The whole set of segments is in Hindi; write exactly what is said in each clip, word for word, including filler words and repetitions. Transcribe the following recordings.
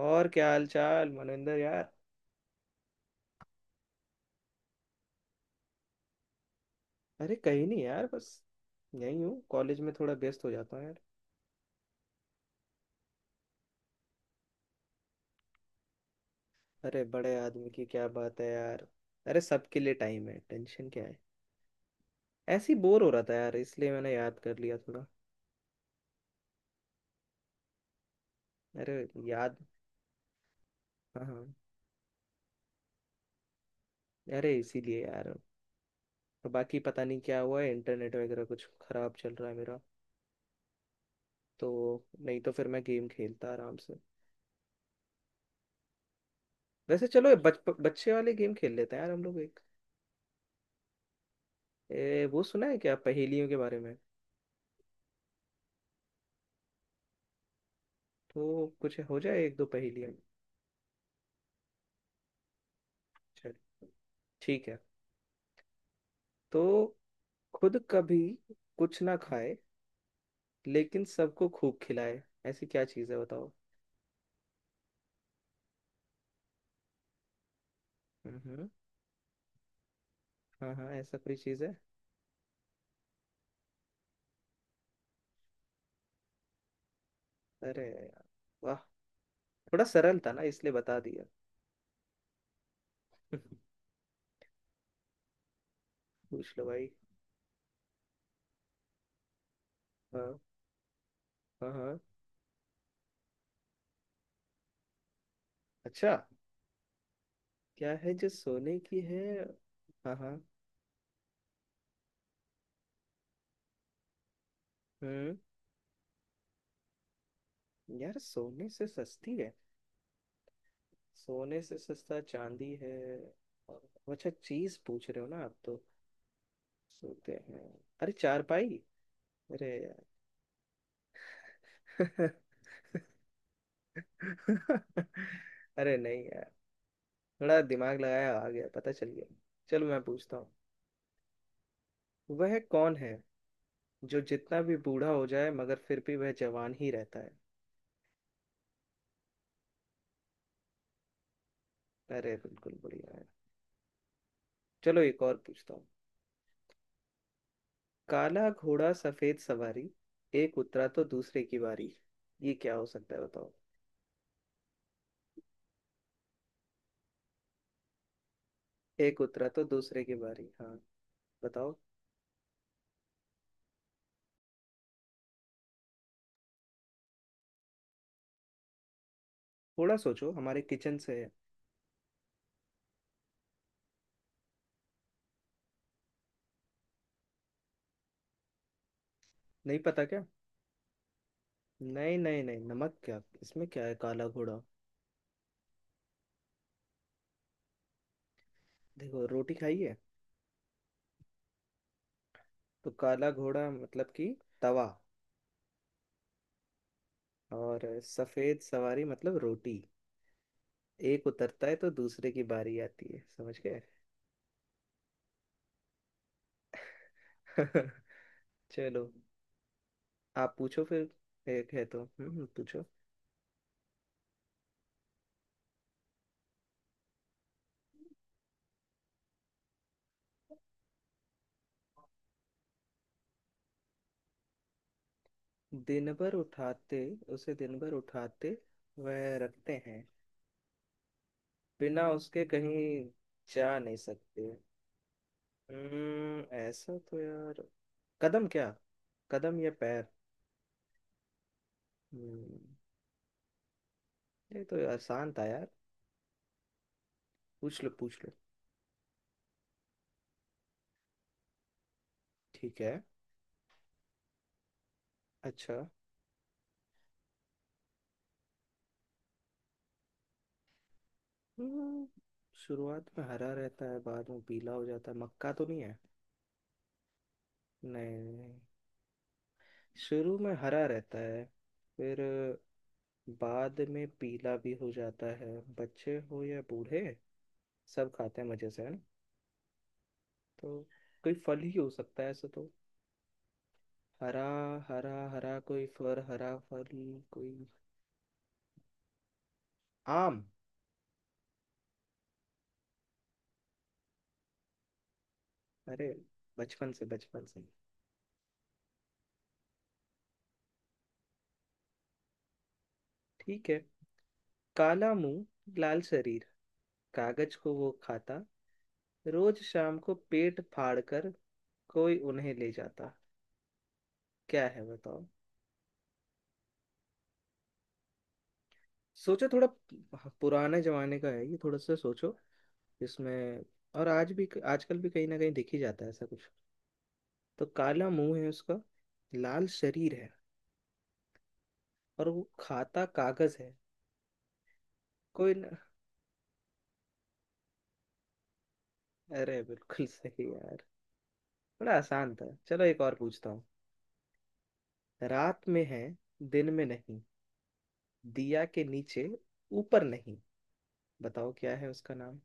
और क्या हाल चाल मनविंदर यार। अरे कहीं नहीं यार, बस यहीं हूँ, कॉलेज में थोड़ा व्यस्त हो जाता हूँ यार। अरे बड़े आदमी की क्या बात है यार। अरे सबके लिए टाइम है, टेंशन क्या है। ऐसे ही बोर हो रहा था यार, इसलिए मैंने याद कर लिया थोड़ा। अरे याद। हाँ हाँ। अरे इसीलिए यार। और बाकी पता नहीं क्या हुआ है, इंटरनेट वगैरह कुछ खराब चल रहा है मेरा, तो नहीं तो फिर मैं गेम खेलता आराम से। वैसे चलो ये बच, बच्चे वाले गेम खेल लेते हैं यार, हम लोग एक। ए, वो सुना है क्या पहेलियों के बारे में? तो कुछ हो जाए एक दो पहेलियाँ। चल, ठीक है। तो खुद कभी कुछ ना खाए, लेकिन सबको खूब खिलाए, ऐसी क्या चीज़ है बताओ। हम्म। हाँ हाँ, ऐसा कोई चीज़ है। अरे यार, वाह। थोड़ा सरल था ना इसलिए बता दिया। पूछ लो भाई। हाँ हाँ हाँ। अच्छा, क्या है जो सोने की है? हाँ हाँ। हम्म, यार सोने से सस्ती है। सोने से सस्ता चांदी है। और- अच्छा चीज पूछ रहे हो ना आप तो। सोते हैं। अरे चार पाई। अरे यार। अरे नहीं यार, थोड़ा दिमाग लगाया आ गया, पता चल गया। चलो मैं पूछता हूँ। वह कौन है जो जितना भी बूढ़ा हो जाए मगर फिर भी वह जवान ही रहता है? अरे बिल्कुल बढ़िया है। चलो एक और पूछता हूँ। काला घोड़ा सफेद सवारी, एक उतरा तो दूसरे की बारी। ये क्या हो सकता है बताओ। एक उतरा तो दूसरे की बारी, हाँ बताओ। थोड़ा सोचो, हमारे किचन से है। नहीं पता क्या? नहीं नहीं नहीं, नमक क्या, इसमें क्या है काला घोड़ा? देखो, रोटी खाई है? तो काला घोड़ा मतलब कि तवा, और सफेद सवारी मतलब रोटी। एक उतरता है तो दूसरे की बारी आती है, समझ गए। चलो आप पूछो फिर। एक है तो, हम्म, पूछो। दिन भर उठाते, उसे दिन भर उठाते, वह रखते हैं, बिना उसके कहीं जा नहीं सकते। हम्म ऐसा तो यार, कदम क्या, कदम या पैर। हम्म, ये तो आसान था यार। पूछ लो पूछ लो। ठीक है। अच्छा। हम्म, शुरुआत में हरा रहता है, बाद में पीला हो जाता है, मक्का तो नहीं है? नहीं नहीं। शुरू में हरा रहता है, फिर बाद में पीला भी हो जाता है, बच्चे हो या बूढ़े सब खाते हैं मजे से, है ना। तो कोई फल ही हो सकता है ऐसा तो। हरा हरा, हरा कोई फर, हरा फल, कोई आम। अरे बचपन से, बचपन से। ठीक है। काला मुंह, लाल शरीर, कागज को वो खाता, रोज शाम को पेट फाड़ कर कोई उन्हें ले जाता। क्या है बताओ। सोचो थोड़ा, पुराने जमाने का है ये, थोड़ा सा सोचो इसमें। और आज भी, आजकल भी कहीं ना कहीं दिख ही जाता है ऐसा कुछ। तो काला मुंह है उसका, लाल शरीर है, और वो खाता कागज है। कोई न... अरे बिल्कुल सही यार। बड़ा आसान था, चलो एक और पूछता हूँ। रात में है, दिन में नहीं, दिया के नीचे, ऊपर नहीं। बताओ क्या है उसका नाम।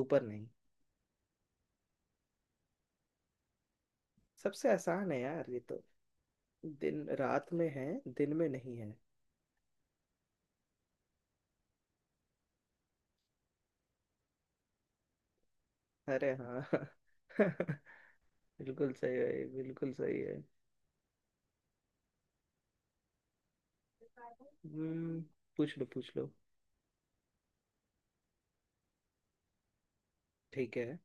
ऊपर नहीं। सबसे आसान है यार ये तो। दिन, रात में है, दिन में नहीं है। अरे हाँ। बिल्कुल सही है, बिल्कुल सही है। हम्म, पूछ लो पूछ लो। ठीक है।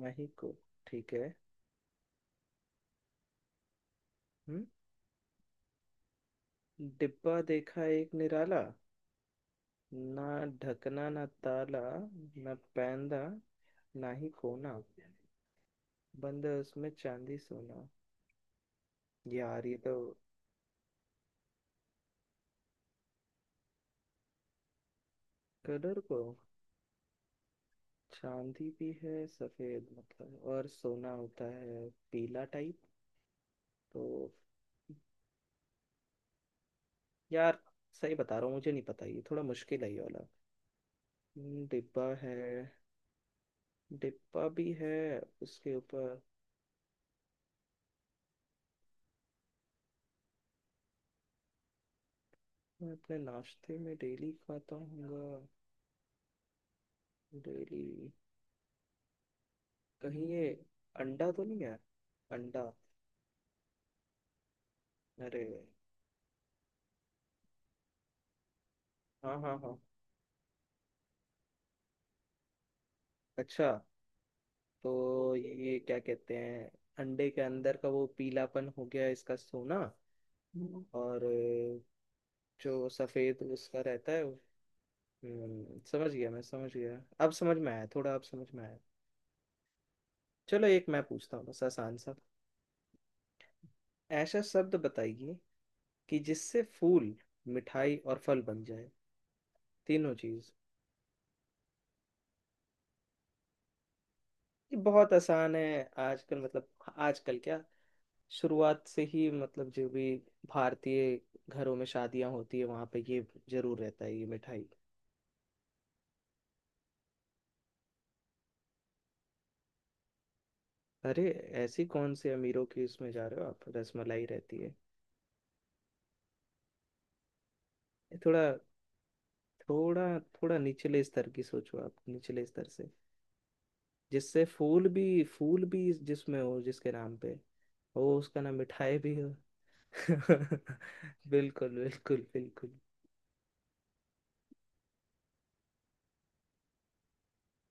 वही को। ठीक है। हम्म। डिब्बा देखा एक निराला, ना ढकना ना ताला, ना पैंदा ना ही कोना, बंद है उसमें चांदी सोना। यार ये तो। कलर को, चांदी भी है सफेद मतलब, और सोना होता है पीला टाइप। तो यार सही बता रहा हूँ, मुझे नहीं पता, ये थोड़ा मुश्किल है ये वाला। हम्म, डिब्बा है। डिब्बा भी है, उसके ऊपर। मैं अपने नाश्ते में डेली खाता हूँ, डेली। कहीं ये अंडा तो नहीं है, अंडा? अरे हाँ हाँ हाँ। अच्छा, तो ये क्या कहते हैं, अंडे के अंदर का वो पीलापन हो गया इसका सोना। हम्म। और जो सफेद उसका रहता है वो। हम्म, समझ गया, मैं समझ गया। अब समझ में आया थोड़ा, अब समझ में आया। चलो एक मैं पूछता हूँ, बस आसान सा। ऐसा शब्द बताइए कि जिससे फूल, मिठाई और फल बन जाए, तीनों चीज। ये बहुत आसान है आजकल मतलब, आजकल क्या, शुरुआत से ही मतलब, जो भी भारतीय घरों में शादियां होती है वहां पे ये जरूर रहता है, ये मिठाई। अरे ऐसी कौन से अमीरों की उसमें जा रहे हो आप, रसमलाई रहती है। ये थोड़ा, थोड़ा थोड़ा निचले स्तर की सोचो आप, निचले स्तर से। जिससे फूल भी, फूल भी जिसमें हो, जिसके नाम पे हो, उसका नाम मिठाई भी हो। बिल्कुल बिल्कुल बिल्कुल।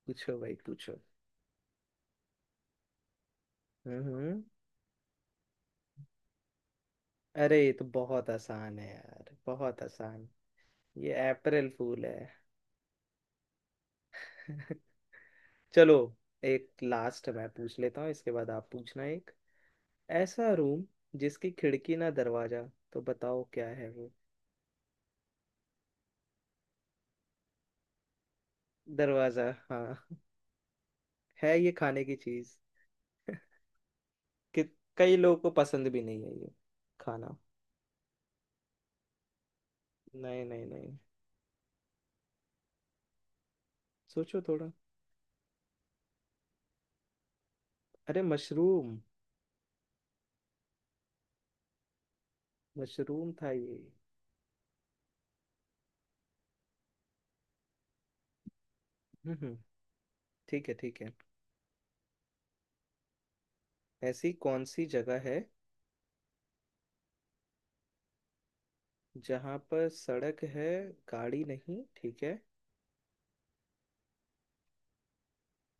पूछो भाई पूछो। हम्म। अरे ये तो बहुत आसान है यार, बहुत आसान। ये अप्रैल फूल है। चलो एक लास्ट मैं पूछ लेता हूँ, इसके बाद आप पूछना एक। ऐसा रूम जिसकी खिड़की ना दरवाजा, तो बताओ क्या है वो। दरवाजा हाँ। है ये खाने की चीज, कि कई लोगों को पसंद भी नहीं है ये खाना। नहीं नहीं नहीं, सोचो थोड़ा। अरे मशरूम। मशरूम था ये। हम्म हम्म, ठीक है ठीक है। ऐसी कौन सी जगह है जहाँ पर सड़क है, गाड़ी नहीं, ठीक है।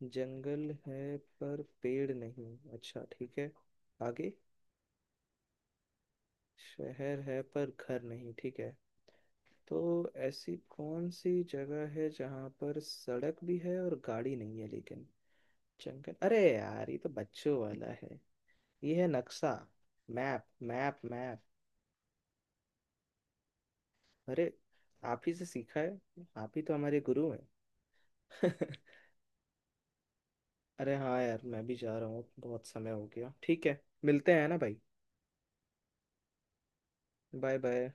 जंगल है पर पेड़ नहीं, अच्छा ठीक है, आगे। शहर है पर घर नहीं, ठीक है। तो ऐसी कौन सी जगह है जहाँ पर सड़क भी है और गाड़ी नहीं है, लेकिन जंगल, अरे यार ये तो बच्चों वाला है। ये है नक्शा। Map map map. अरे आप ही से सीखा है, आप ही तो हमारे गुरु हैं। अरे हाँ यार, मैं भी जा रहा हूँ, बहुत समय हो गया। ठीक है, मिलते हैं ना भाई। Bye bye.